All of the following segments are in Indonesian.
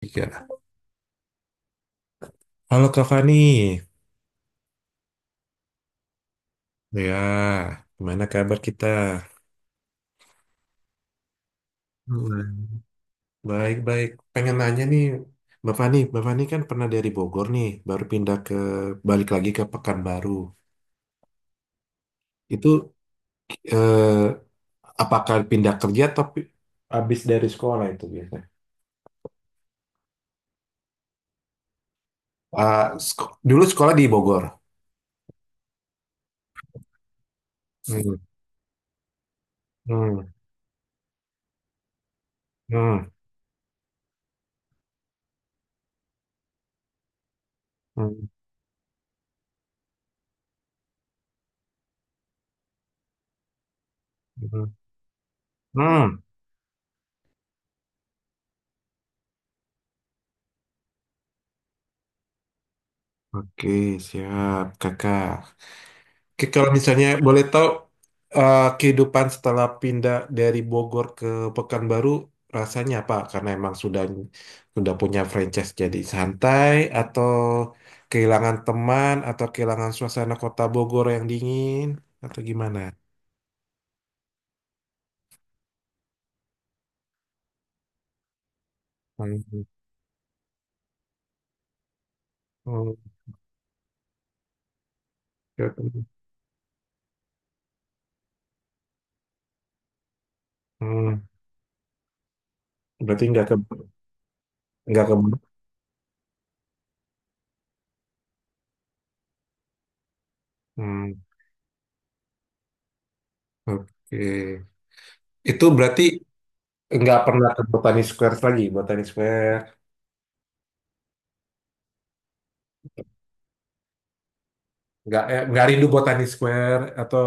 Tiga. Halo kak Fani, ya gimana kabar kita? Hmm. Baik-baik, pengen nanya nih, Mbak Fani kan pernah dari Bogor nih, baru pindah ke, balik lagi ke Pekanbaru. Itu eh, apakah pindah kerja tapi habis dari sekolah itu biasanya? Ah, Dulu sekolah di Bogor. Hmm. Hmm. Hmm. Hmm. Hmm. Hmm. Oke, siap kakak. Oke, kalau misalnya boleh tahu kehidupan setelah pindah dari Bogor ke Pekanbaru rasanya apa? Karena emang sudah punya franchise jadi santai atau kehilangan teman atau kehilangan suasana kota Bogor yang dingin atau gimana? Hmm. Hmm. Hmm. Berarti nggak ke hmm. Oke. Itu berarti nggak pernah ke Botani Square lagi, Botani Square, nggak rindu Botani Square atau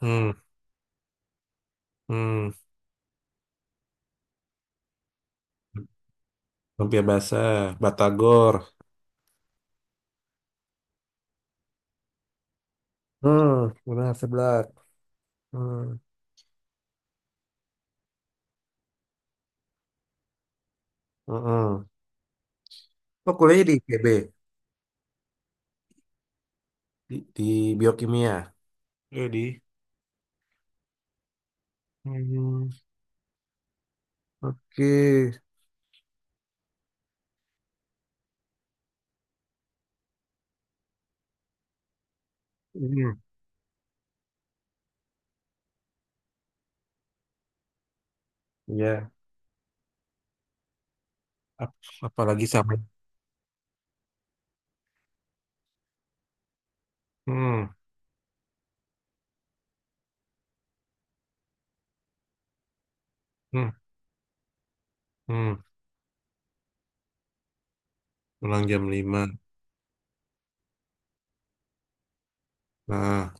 hmm, hmm. Lumpia basah, batagor. Hmm, benar seblak. Hmm, mm-mm. Oh, kuliahnya di IPB, di biokimia. Iya, di. Hmm, oke. Hmm, ya. Apalagi sama. Hmm, hmm, hmm. Pulang jam 5, nah,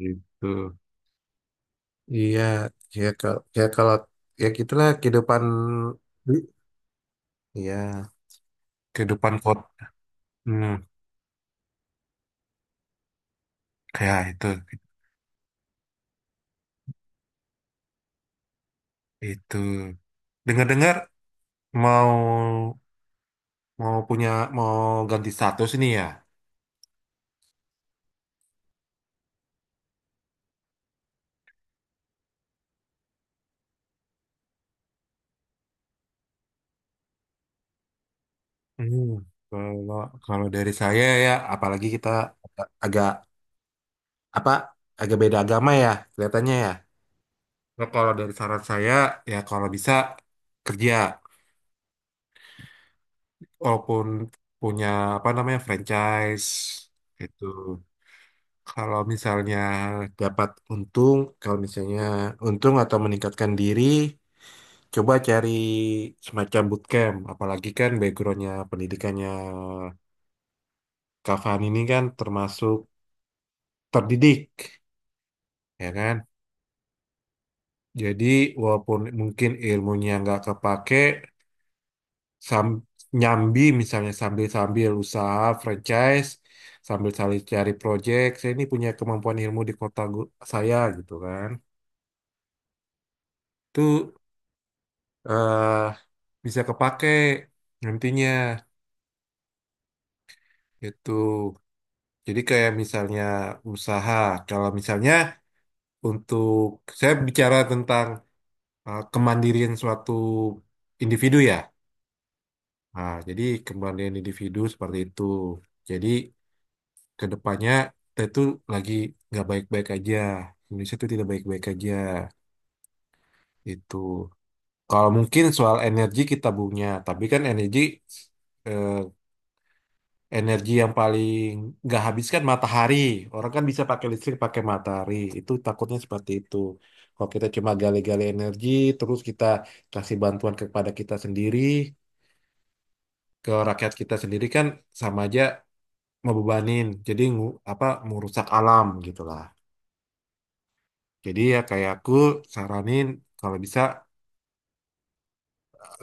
gitu. Iya, ya kalau ya gitulah kehidupan. Iya, kehidupan kot. Hmm, kayak itu. Itu. Dengar-dengar mau mau punya mau ganti status ini ya. Hmm, kalau kalau dari saya ya, apalagi kita agak agak- apa agak beda agama ya kelihatannya ya. Nah, kalau dari saran saya ya kalau bisa kerja walaupun punya apa namanya franchise itu. Kalau misalnya dapat untung, kalau misalnya untung atau meningkatkan diri, coba cari semacam bootcamp, apalagi kan backgroundnya pendidikannya Kak Fani ini kan termasuk terdidik, ya kan? Jadi walaupun mungkin ilmunya nggak kepake, sam nyambi misalnya sambil-sambil usaha franchise, sambil cari cari project, saya ini punya kemampuan ilmu di kota saya gitu kan. Itu eh bisa kepake nantinya gitu. Jadi kayak misalnya usaha, kalau misalnya untuk saya bicara tentang kemandirian suatu individu ya. Nah, jadi kemandirian individu seperti itu. Jadi ke depannya kita itu lagi nggak baik-baik aja. Indonesia itu tidak baik-baik aja. Itu. Kalau mungkin soal energi kita punya, tapi kan eh, energi yang paling nggak habis kan matahari. Orang kan bisa pakai listrik pakai matahari. Itu takutnya seperti itu. Kalau kita cuma gali-gali energi, terus kita kasih bantuan kepada kita sendiri, ke rakyat kita sendiri kan sama aja ngebebanin. Jadi apa merusak alam gitulah. Jadi ya kayak aku saranin kalau bisa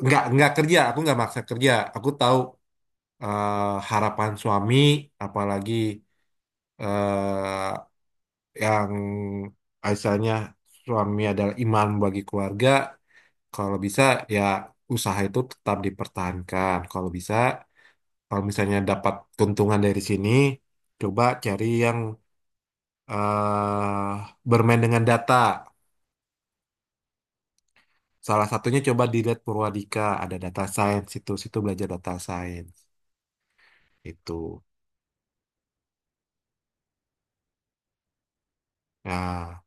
nggak kerja. Aku nggak maksa kerja. Aku tahu harapan suami, apalagi eh, yang asalnya suami adalah imam bagi keluarga, kalau bisa ya usaha itu tetap dipertahankan. Kalau bisa, kalau misalnya dapat keuntungan dari sini, coba cari yang eh bermain dengan data. Salah satunya coba dilihat Purwadika, ada data science situ belajar data science itu. Nah,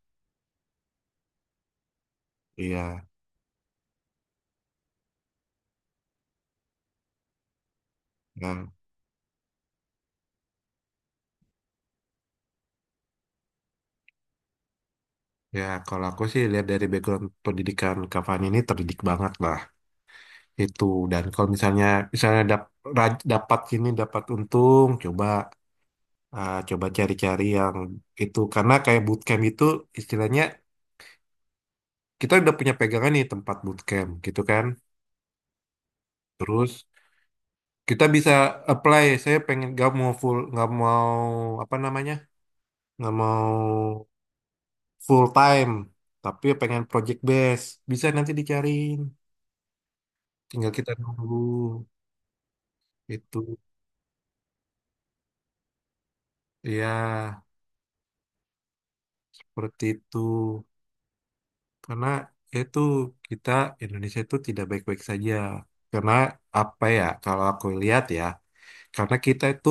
iya. Nah, ya kalau aku sih lihat dari background pendidikan Kak Fani ini terdidik banget lah. Itu dan kalau misalnya misalnya dap- ra- dapat gini dapat untung, coba cari-cari yang itu karena kayak bootcamp itu istilahnya kita udah punya pegangan nih tempat bootcamp gitu kan, terus kita bisa apply, saya pengen nggak mau full nggak mau apa namanya nggak mau full time tapi pengen project base, bisa nanti dicariin tinggal kita nunggu itu, ya seperti itu. Karena itu kita Indonesia itu tidak baik-baik saja. Karena apa ya, kalau aku lihat ya, karena kita itu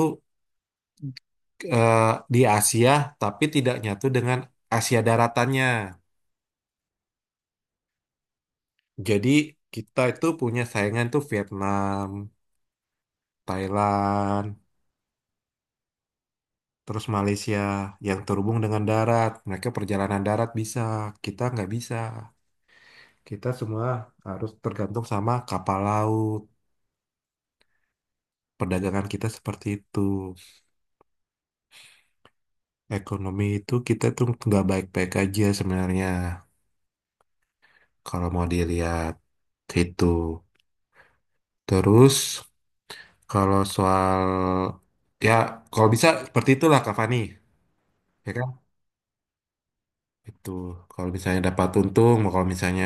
eh, di Asia tapi tidak nyatu dengan Asia daratannya. Jadi kita itu punya saingan tuh Vietnam, Thailand, terus Malaysia yang terhubung dengan darat. Mereka perjalanan darat bisa, kita nggak bisa. Kita semua harus tergantung sama kapal laut. Perdagangan kita seperti itu. Ekonomi itu kita tuh nggak baik-baik aja sebenarnya kalau mau dilihat gitu. Terus kalau soal ya kalau bisa seperti itulah Kak Fani, ya kan? Itu kalau misalnya dapat untung, kalau misalnya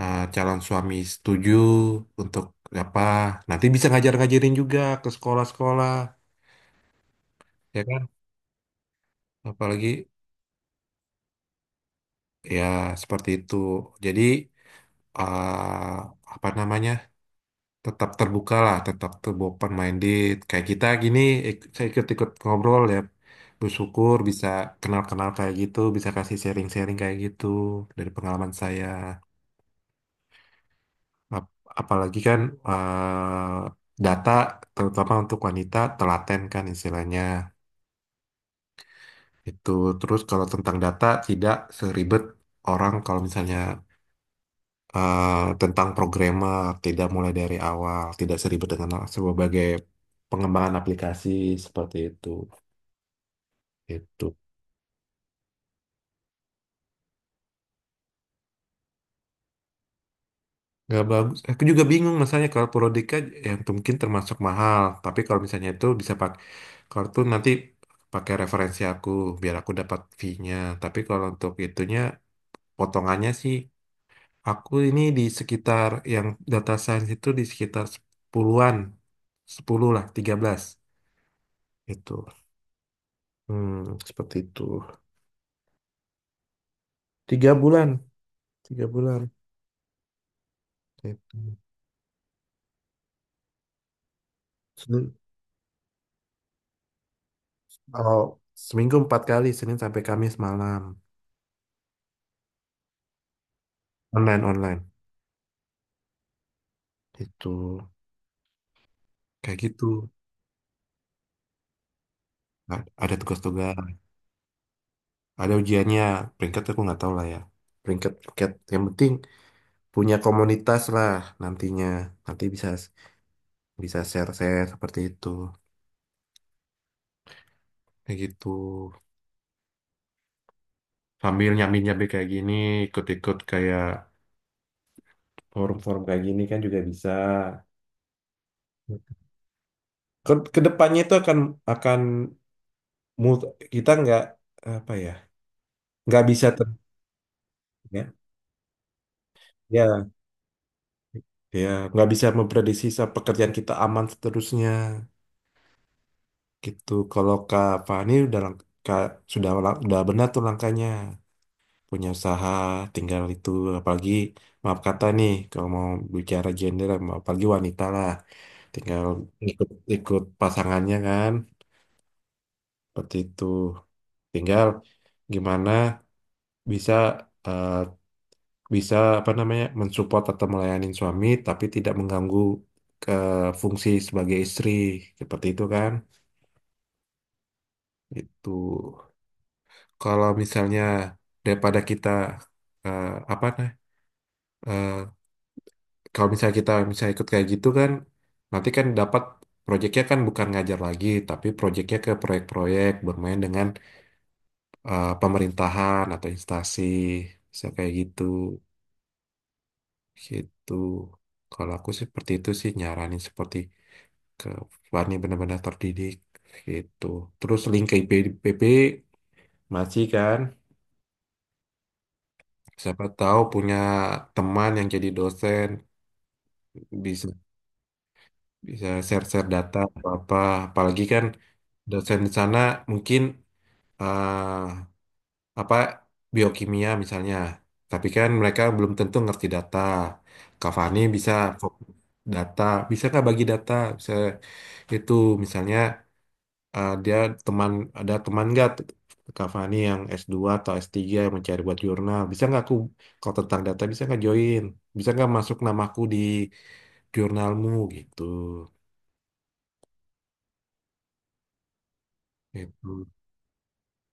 calon suami setuju untuk apa, nanti bisa ngajar-ngajarin juga ke sekolah-sekolah, ya kan? Apalagi ya seperti itu. Jadi eh, apa namanya? Tetap terbuka lah, tetap terbuka minded. Kayak kita gini, saya ikut-ikut ngobrol ya. Bersyukur bisa kenal-kenal kayak gitu, bisa kasih sharing-sharing kayak gitu dari pengalaman saya. Ap- Apalagi kan data, terutama untuk wanita, telaten kan istilahnya. Itu terus kalau tentang data tidak seribet orang kalau misalnya eh, tentang programmer, tidak mulai dari awal, tidak seribet dengan sebagai pengembangan aplikasi seperti itu. Itu nggak bagus. Aku juga bingung masalahnya kalau Prodika yang mungkin termasuk mahal, tapi kalau misalnya itu bisa pakai, kalau itu nanti pakai referensi aku biar aku dapat fee-nya. Tapi kalau untuk itunya potongannya sih aku ini di sekitar yang data science itu di sekitar 10-an, 10 lah, 13. Itu. Hmm, seperti itu. 3 bulan, 3 bulan. Gitu. Senin, oh, seminggu 4 kali, Senin sampai Kamis malam. Online, online. Itu kayak gitu. Nah, ada tugas-tugas, ada ujiannya. Peringkat aku nggak tahu lah ya. Peringkat, peringkat. Yang penting punya komunitas lah nantinya. Nanti bisa bisa share-share seperti itu. Kayak gitu. Sambil nyambi-nyambi kayak gini, ikut-ikut kayak forum-forum kayak gini kan juga bisa. Kedepannya itu akan akan mul- kita nggak apa ya nggak bisa ter, ya ya ya, nggak bisa memprediksi pekerjaan kita aman seterusnya gitu, kalau Kak Fani udah lang- Kak sudah lang- udah benar tuh langkahnya punya usaha tinggal itu, apalagi maaf kata nih kalau mau bicara gender apalagi wanita lah tinggal ikut ikut pasangannya kan, seperti itu tinggal gimana bisa eh, bisa apa namanya mensupport atau melayani suami tapi tidak mengganggu ke fungsi sebagai istri seperti itu kan. Itu kalau misalnya daripada kita eh, apa nah eh, kalau misalnya kita misalnya ikut kayak gitu kan, nanti kan dapat proyeknya kan bukan ngajar lagi tapi proyeknya ke proyek-proyek bermain dengan pemerintahan atau instansi, bisa kayak gitu gitu. Kalau aku sih seperti itu sih nyaranin seperti ke Fani benar-benar terdidik gitu. Terus link ke IPB masih kan? Siapa tahu punya teman yang jadi dosen bisa bisa share-share data atau apa. Apalagi kan dosen di sana mungkin eh, apa biokimia misalnya. Tapi kan mereka belum tentu ngerti data. Cavani bisa fokus data, bisa nggak bagi data? Bisa itu misalnya dia teman ada teman nggak Cavani yang S2 atau S3 yang mencari buat jurnal, bisa nggak aku kalau tentang data bisa nggak join? Bisa nggak masuk namaku di jurnalmu gitu? Itu.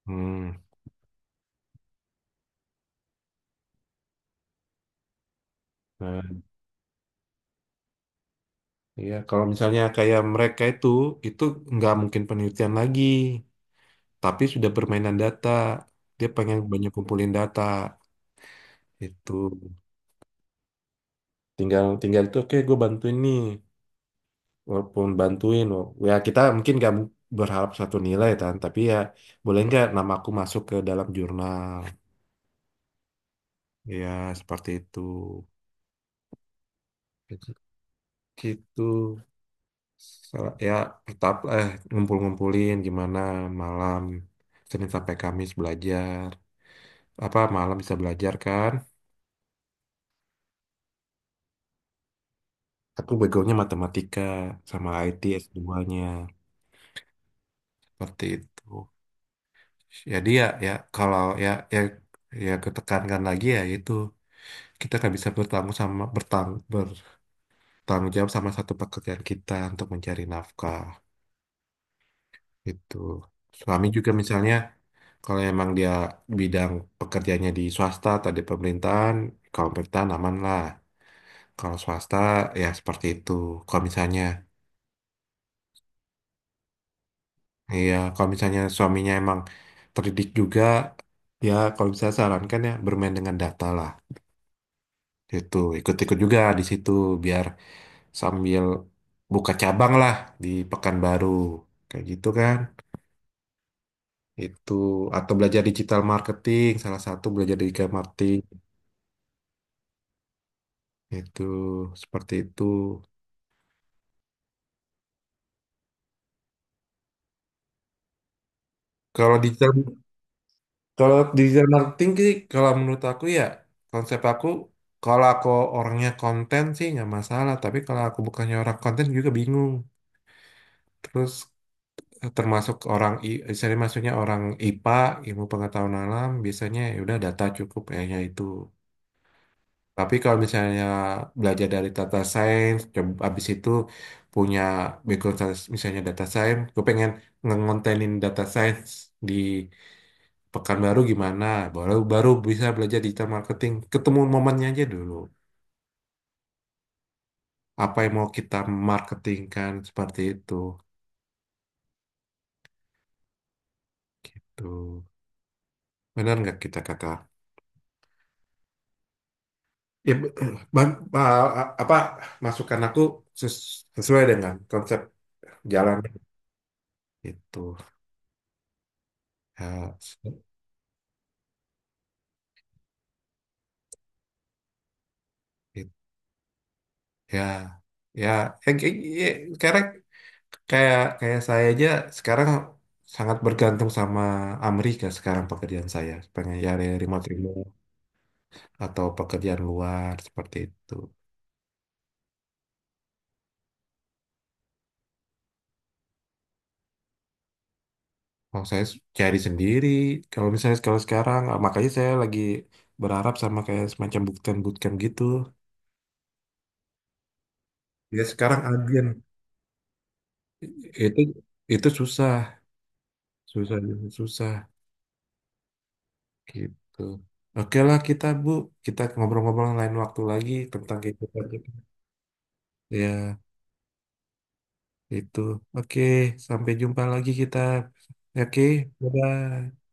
Hmm. Nah, iya kalau misalnya kayak mereka itu nggak mungkin penelitian lagi, tapi sudah permainan data dia pengen banyak kumpulin data itu tinggal tinggal itu oke gue bantuin nih, walaupun bantuin ya kita mungkin gak berharap 1 nilai kan tapi ya boleh nggak nama aku masuk ke dalam jurnal ya seperti itu gitu. Gitu. Ya tetap ngumpul-ngumpulin gimana, malam Senin sampai Kamis belajar apa malam bisa belajar kan, aku begonya matematika sama ITS duanya seperti itu. Jadi ya dia ya kalau ya ketekankan lagi ya itu, kita kan bisa bertanggung jawab sama satu pekerjaan kita untuk mencari nafkah itu, suami juga misalnya kalau emang dia bidang pekerjaannya di swasta atau di pemerintahan, kalau pemerintahan aman lah, kalau swasta ya seperti itu kalau misalnya. Iya kalau misalnya suaminya emang terdidik juga ya kalau bisa sarankan ya bermain dengan data lah, itu ikut-ikut juga di situ biar sambil buka cabang lah di Pekanbaru kayak gitu kan, itu atau belajar digital marketing, salah satu belajar digital marketing itu, seperti itu. kalau digital Kalau digital marketing sih kalau menurut aku ya, konsep aku, kalau aku orangnya konten sih nggak masalah tapi kalau aku bukannya orang konten juga bingung. Terus termasuk orang saya maksudnya orang IPA, ilmu pengetahuan alam biasanya ya udah data cukup kayaknya itu. Tapi kalau misalnya belajar dari data science coba habis itu punya background science, misalnya data science gue pengen ngontenin data science di Pekanbaru gimana, baru baru bisa belajar digital marketing, ketemu momennya aja dulu apa yang mau kita marketingkan, seperti itu gitu. Benar nggak kita kata? Ya, bang, ba- apa masukan aku ses- sesuai dengan konsep jalan itu, ya se- it- ya ya ya, ya, sekarang kayak kayak saya aja sekarang sangat bergantung sama Amerika sekarang, pekerjaan saya pengen cari remote remote atau pekerjaan luar seperti itu. Kalau saya cari sendiri kalau misalnya, kalau sekarang makanya saya lagi berharap sama kayak semacam bootcamp bootcamp gitu, ya sekarang agen. Itu itu susah, susah susah gitu. Oke lah kita Bu, kita ngobrol-ngobrol lain waktu lagi tentang kehidupan kita. Ya, itu. Oke, sampai jumpa lagi kita. Oke, bye-bye.